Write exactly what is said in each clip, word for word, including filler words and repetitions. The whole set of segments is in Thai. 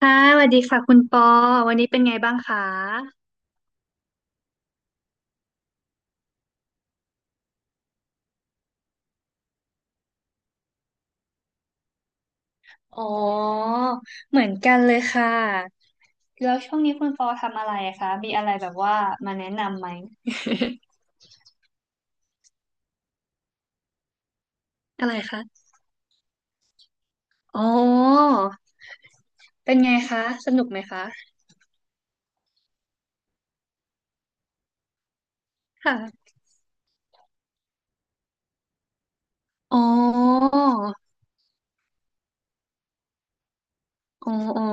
ค่ะสวัสดีค่ะคุณปอวันนี้เป็นไงบ้างคะอ๋อเหมือนกันเลยค่ะแล้วช่วงนี้คุณปอทำอะไรคะมีอะไรแบบว่ามาแนะนำไหม อะไรคะอ๋อเป็นไงคะสนุกไหมคะค่ะอ๋ออ๋ออ๋อ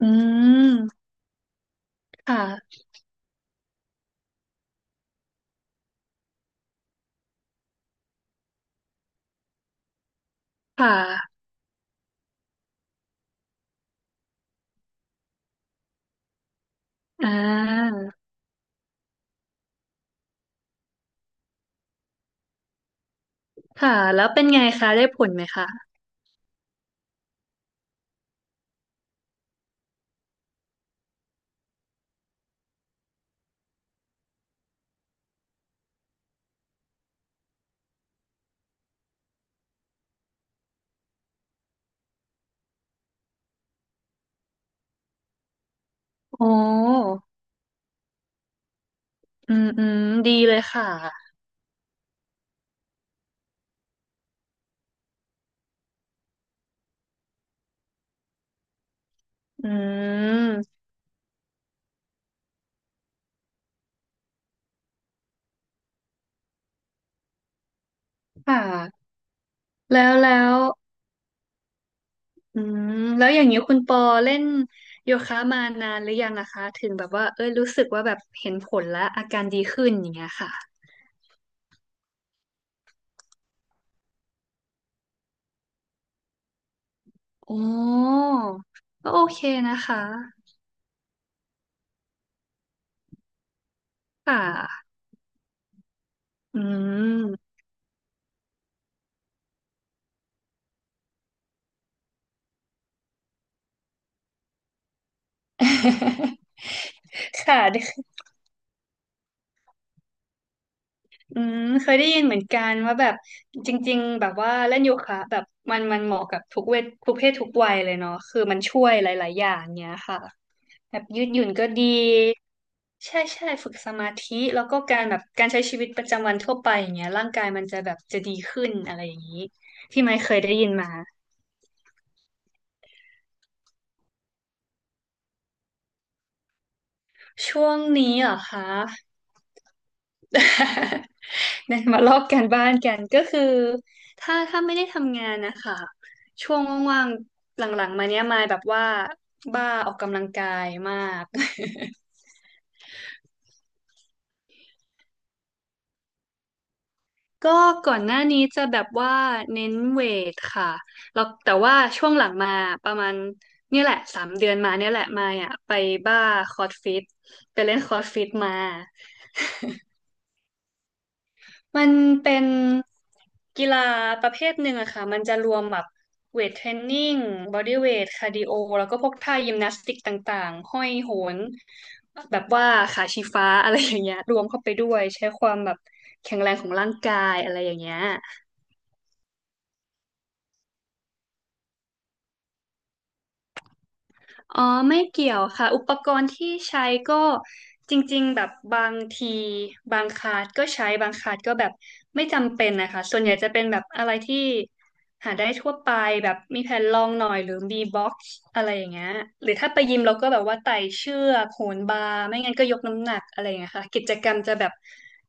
อืมค่ะค่ะอ่าค่ะแล้วเป็นไงคะได้ผลไหมคะอ๋ออืมอืมดีเลยค่ะอืมค่ะ แล้วแล้วอืมแล้วอย่างนี้คุณปอเล่นโยคะมานานหรือยังนะคะถึงแบบว่าเอ้ยรู้สึกว่าแบบเห็นผลและอาการดีขึ้นอย่างเงี้ยค่ะอ๋อก็โอเคนะคะค่ะอืม ค่ะ อืมเคยได้ยินเหมือนกันว่าแบบจริงๆแบบว่าเล่นโยคะแบบมันมันเหมาะกับทุกเวททุกเพศทุกวัยเลยเนาะคือมันช่วยหลายๆอย่างเนี้ยค่ะแบบยืดหยุ่นก็ดี ใช่ใช่ฝึกสมาธิแล้วก็การแบบการใช้ชีวิตประจำวันทั่วไปอย่างเงี้ยร่างกายมันจะแบบจะดีขึ้นอะไรอย่างนี้ที่ไม่เคยได้ยินมาช่วงนี้เหรอคะ เนี่ย มาลอกการบ้านกันก็คือถ้าถ้าไม่ได้ทำงานนะคะช่วงว่างๆหลังๆมาเนี้ยมายแบบว่าบ้าออกกำลังกายมาก ก็ก่อนหน้านี้จะแบบว่าเน้นเวทค่ะแล้วแต่ว่าช่วงหลังมาประมาณเนี่ยแหละสามเดือนมาเนี่ยแหละมาอ่ะไปบ้าคอร์สฟิตไปเล่นคอร์สฟิตมา มันเป็นกีฬาประเภทหนึ่งอะค่ะ มันจะรวมแบบเวทเทรนนิ่งบอดี้เวทคาร์ดิโอแล้วก็พวกท่ายิมนาสติกต่างๆห้อยโหนแบบว่าขาชี้ฟ้าอะไรอย่างเงี้ยรวมเข้าไปด้วยใช้ความแบบแข็งแรงของร่างกายอะไรอย่างเงี้ย อ๋อไม่เกี่ยวค่ะอุปกรณ์ที่ใช้ก็จริงๆแบบบางทีบางคลาสก็ใช้บางคลาสก็แบบไม่จำเป็นนะคะส่วนใหญ่จะเป็นแบบอะไรที่หาได้ทั่วไปแบบมีแผ่นรองหน่อยหรือมีบ็อกซ์อะไรอย่างเงี้ยหรือถ้าไปยิมเราก็แบบว่าไต่เชือกโหนบาร์ไม่งั้นก็ยกน้ำหนักอะไรอย่างเงี้ยค่ะกิจกรรมจะแบบ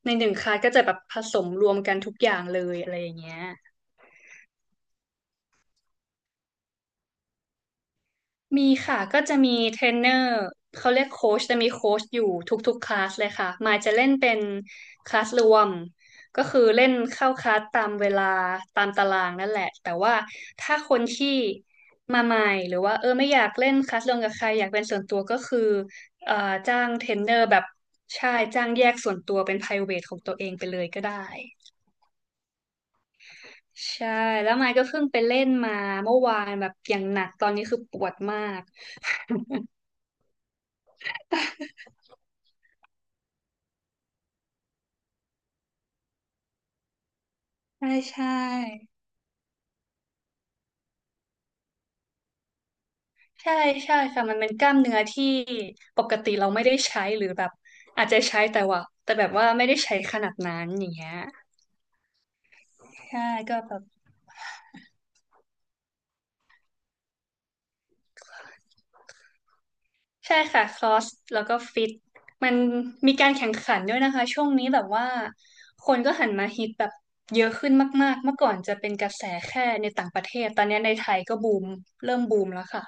ในหนึ่งคลาสก็จะแบบผสมรวมกันทุกอย่างเลยอะไรอย่างเงี้ย มีค่ะก็จะมีเทรนเนอร์เขาเรียกโค้ชจะมีโค้ชอยู่ทุกๆคลาสเลยค่ะมายจะเล่นเป็นคลาสรวมก็คือเล่นเข้าคลาสตามเวลาตามตารางนั่นแหละแต่ว่าถ้าคนที่มาใหม่หรือว่าเออไม่อยากเล่นคลาสรวมกับใครอยากเป็นส่วนตัวก็คือเอ่อจ้างเทรนเนอร์แบบใช่จ้างแยกส่วนตัวเป็น private ของตัวเองไปเลยก็ได้ใช่แล้วมายก็เพิ่งไปเล่นมาเมื่อวานแบบอย่างหนักตอนนี้คือปวดมากใช่ใช่ ใช่ใช่ค่ะมันเป็นกล้ามเนื้อที่ปกติเราไม่ได้ใช้หรือแบบอาจจะใช้แต่ว่าแต่แบบว่าไม่ได้ใช้ขนาดนั้นอย่างเงี้ยใช่ก็แบบใช่ค่ะครอสแล้วก็ฟิตมันมีการแข่งขันด้วยนะคะช่วงนี้แบบว่าคนก็หันมาฮิตแบบเยอะขึ้นมากๆเมื่อก่อนจะเป็นกระแสแค่ในต่างประเทศตอนนี้ในไทยก็บูมเริ่มบูมแล้วค่ะ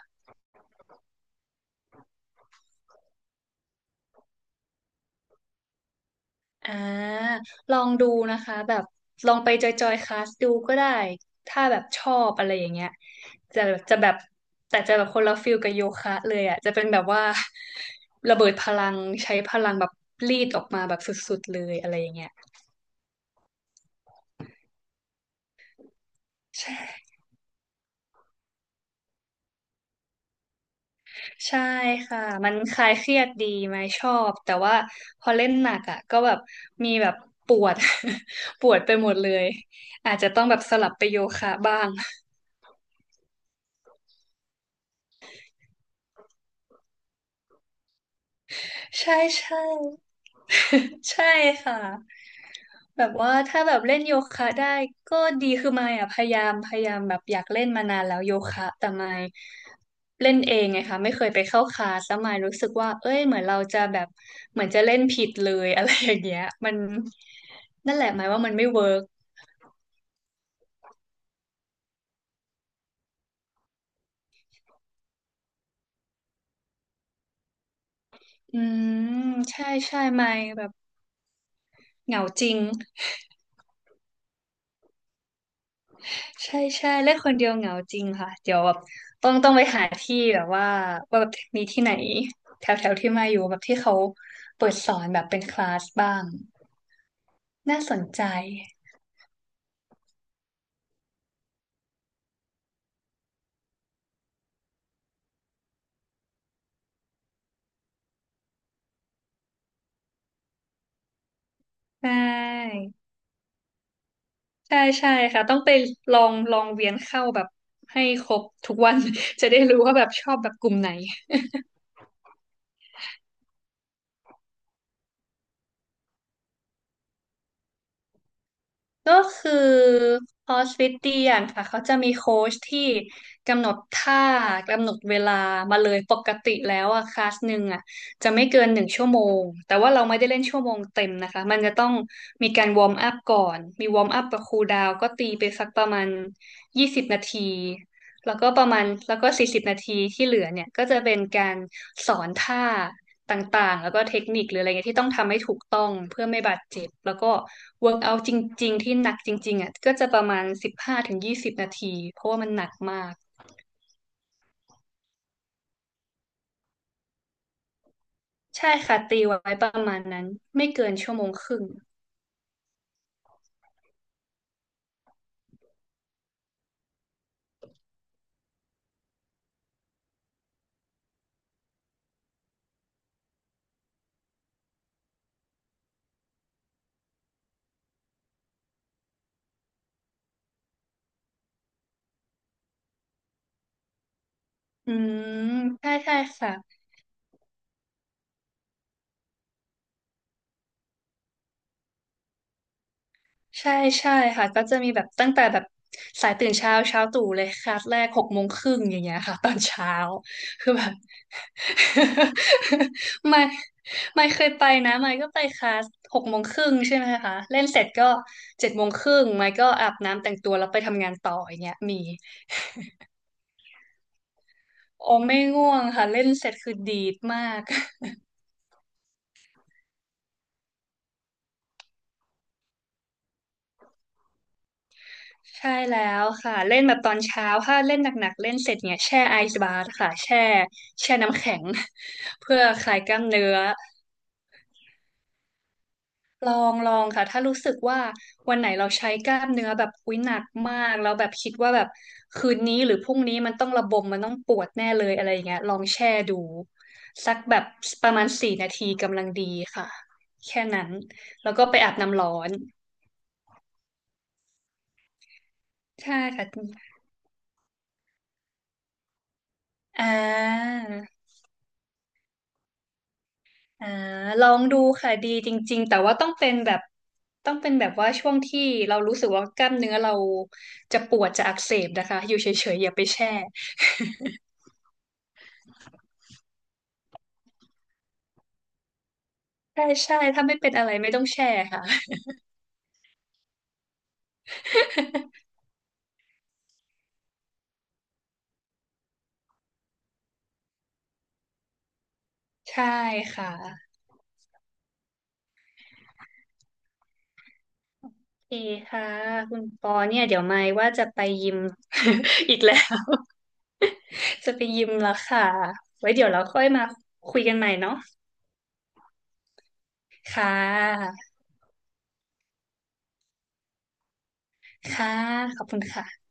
อ่าลองดูนะคะแบบลองไปจอยจอยคลาสดูก็ได้ถ้าแบบชอบอะไรอย่างเงี้ยจะจะแบบแต่จะแบบคนละฟิลกับโยคะเลยอ่ะจะเป็นแบบว่า ระเบิดพลังใช้พลังแบบรีดออกมาแบบสุดๆเลยอะไรอย่างเงี้ยใช่ใช่ค่ะมันคลายเครียดดีไหมชอบแต่ว่าพอเล่นหนักอ่ะก็แบบมีแบบปวด ปวดไปหมดเลยอาจจะต้องแบบสลับไปโยคะบ้างใช่ใช่ ใช่ค่ะแบบว่าถ้าแบบเล่นโยคะได้ก็ดีคือมายอ่ะพยายามพยายามแบบอยากเล่นมานานแล้วโยคะแต่มายเล่นเองไงคะไม่เคยไปเข้าคลาสแล้วมายรู้สึกว่าเอ้ยเหมือนเราจะแบบเหมือนจะเล่นผิดเลย อะไรอย่างเงี้ยมันนั่นแหละหมายว่ามันไม่เวิร์กอืมใช่ใช่มายแบบเหงาจริง ใช่ใช่เล่นคนเดียวเหงาจริงค่ะเดี๋ยวแบบต้องต้องไปหาที่แบบว่าว่าแบบมีที่ไหนแถวแถวที่มาอยู่แบบที่เขาเปิดสอนแบบเป็นคลาสบ้างน่าสนใจใช่ใช่ใช่ค่ะต้องไปลองลองเวียนเข้าแบบให้ครบทุกวัน จะได้รู้ว่าแบบชอบแบบกลุ่มไหน ก็คือคอร์สฟิตเตียนค่ะเขาจะมีโค้ชที่กำหนดท่ากำหนดเวลามาเลยปกติแล้วอะคลาสหนึ่งอะจะไม่เกินหนึ่งชั่วโมงแต่ว่าเราไม่ได้เล่นชั่วโมงเต็มนะคะมันจะต้องมีการวอร์มอัพก่อนมีวอร์มอัพกับคูลดาวน์ก็ตีไปสักประมาณยี่สิบนาที แล้วก็ประมาณแล้วก็สี่สิบนาทีที่เหลือเนี่ยก็จะเป็นการสอนท่าต่างๆแล้วก็เทคนิคหรืออะไรเงี้ยที่ต้องทำให้ถูกต้องเพื่อไม่บาดเจ็บแล้วก็ work out จริงๆที่หนักจริงๆอ่ะก็จะประมาณสิบห้าถึงยี่สิบนาทีเพราะว่ามันหนักมากใช่ค่ะตีไว้ประมาณนั้นไม่เกินชั่วโมงครึ่งอืมใช่ใช่ค่ะใช่ใช่ค่ะก็จะมีแบบตั้งแต่แบบสายตื่นเช้าเช้าตรู่เลยคลาสแรกหกโมงครึ่งอย่างเงี้ยค่ะตอนเช้าคือแบบ ไม่ไม่เคยไปนะไม่ก็ไปคลาสหกโมงครึ่งใช่ไหมคะเล่นเสร็จก็เจ็ดโมงครึ่งไม่ก็อาบน้ำแต่งตัวแล้วไปทำงานต่ออย่างเงี้ยมีโอไม่ง่วงค่ะเล่นเสร็จคือดีดมาก ใช่แล้วค่ะเล่นแบบตอนเช้าถ้าเล่นหนักๆเล่นเสร็จเนี่ยแช่ไอซ์บาร์ค่ะแช่แช่น้ำแข็ง เพื่อคลายกล้ามเนื้อ ลองลองค่ะถ้ารู้สึกว่าวันไหนเราใช้กล้ามเนื้อแบบอุ้ยหนักมากแล้วแบบคิดว่าแบบคืนนี้หรือพรุ่งนี้มันต้องระบมมันต้องปวดแน่เลยอะไรอย่างเงี้ยลองแช่ดูสักแบบประมาณสี่นาทีกำลังดีค่ะแค่นั้นแล้วก็ไปอาบน้ำร้อนใช่ค่ะอ่าอ่าลองดูค่ะดีจริงๆแต่ว่าต้องเป็นแบบต้องเป็นแบบว่าช่วงที่เรารู้สึกว่ากล้ามเนื้อเราจะปวดจะอักเสบนะคะอยู่เฉยๆอย่าไปแช่ ใช่ใช่ถ้าไม่เป็นอะไรไม่ต้องแชร์ค่ะ ใช่ค่ะโอเคค่ะคุณปอเนี่ยเดี๋ยวไม่ว่าจะไปยิม อีกแล้ว จะไปยิมแล้วค่ะไว้เดี๋ยวเราค่อยมาคุยกันใหม่เนาะค่ะค่ะขอบคุณค่ะ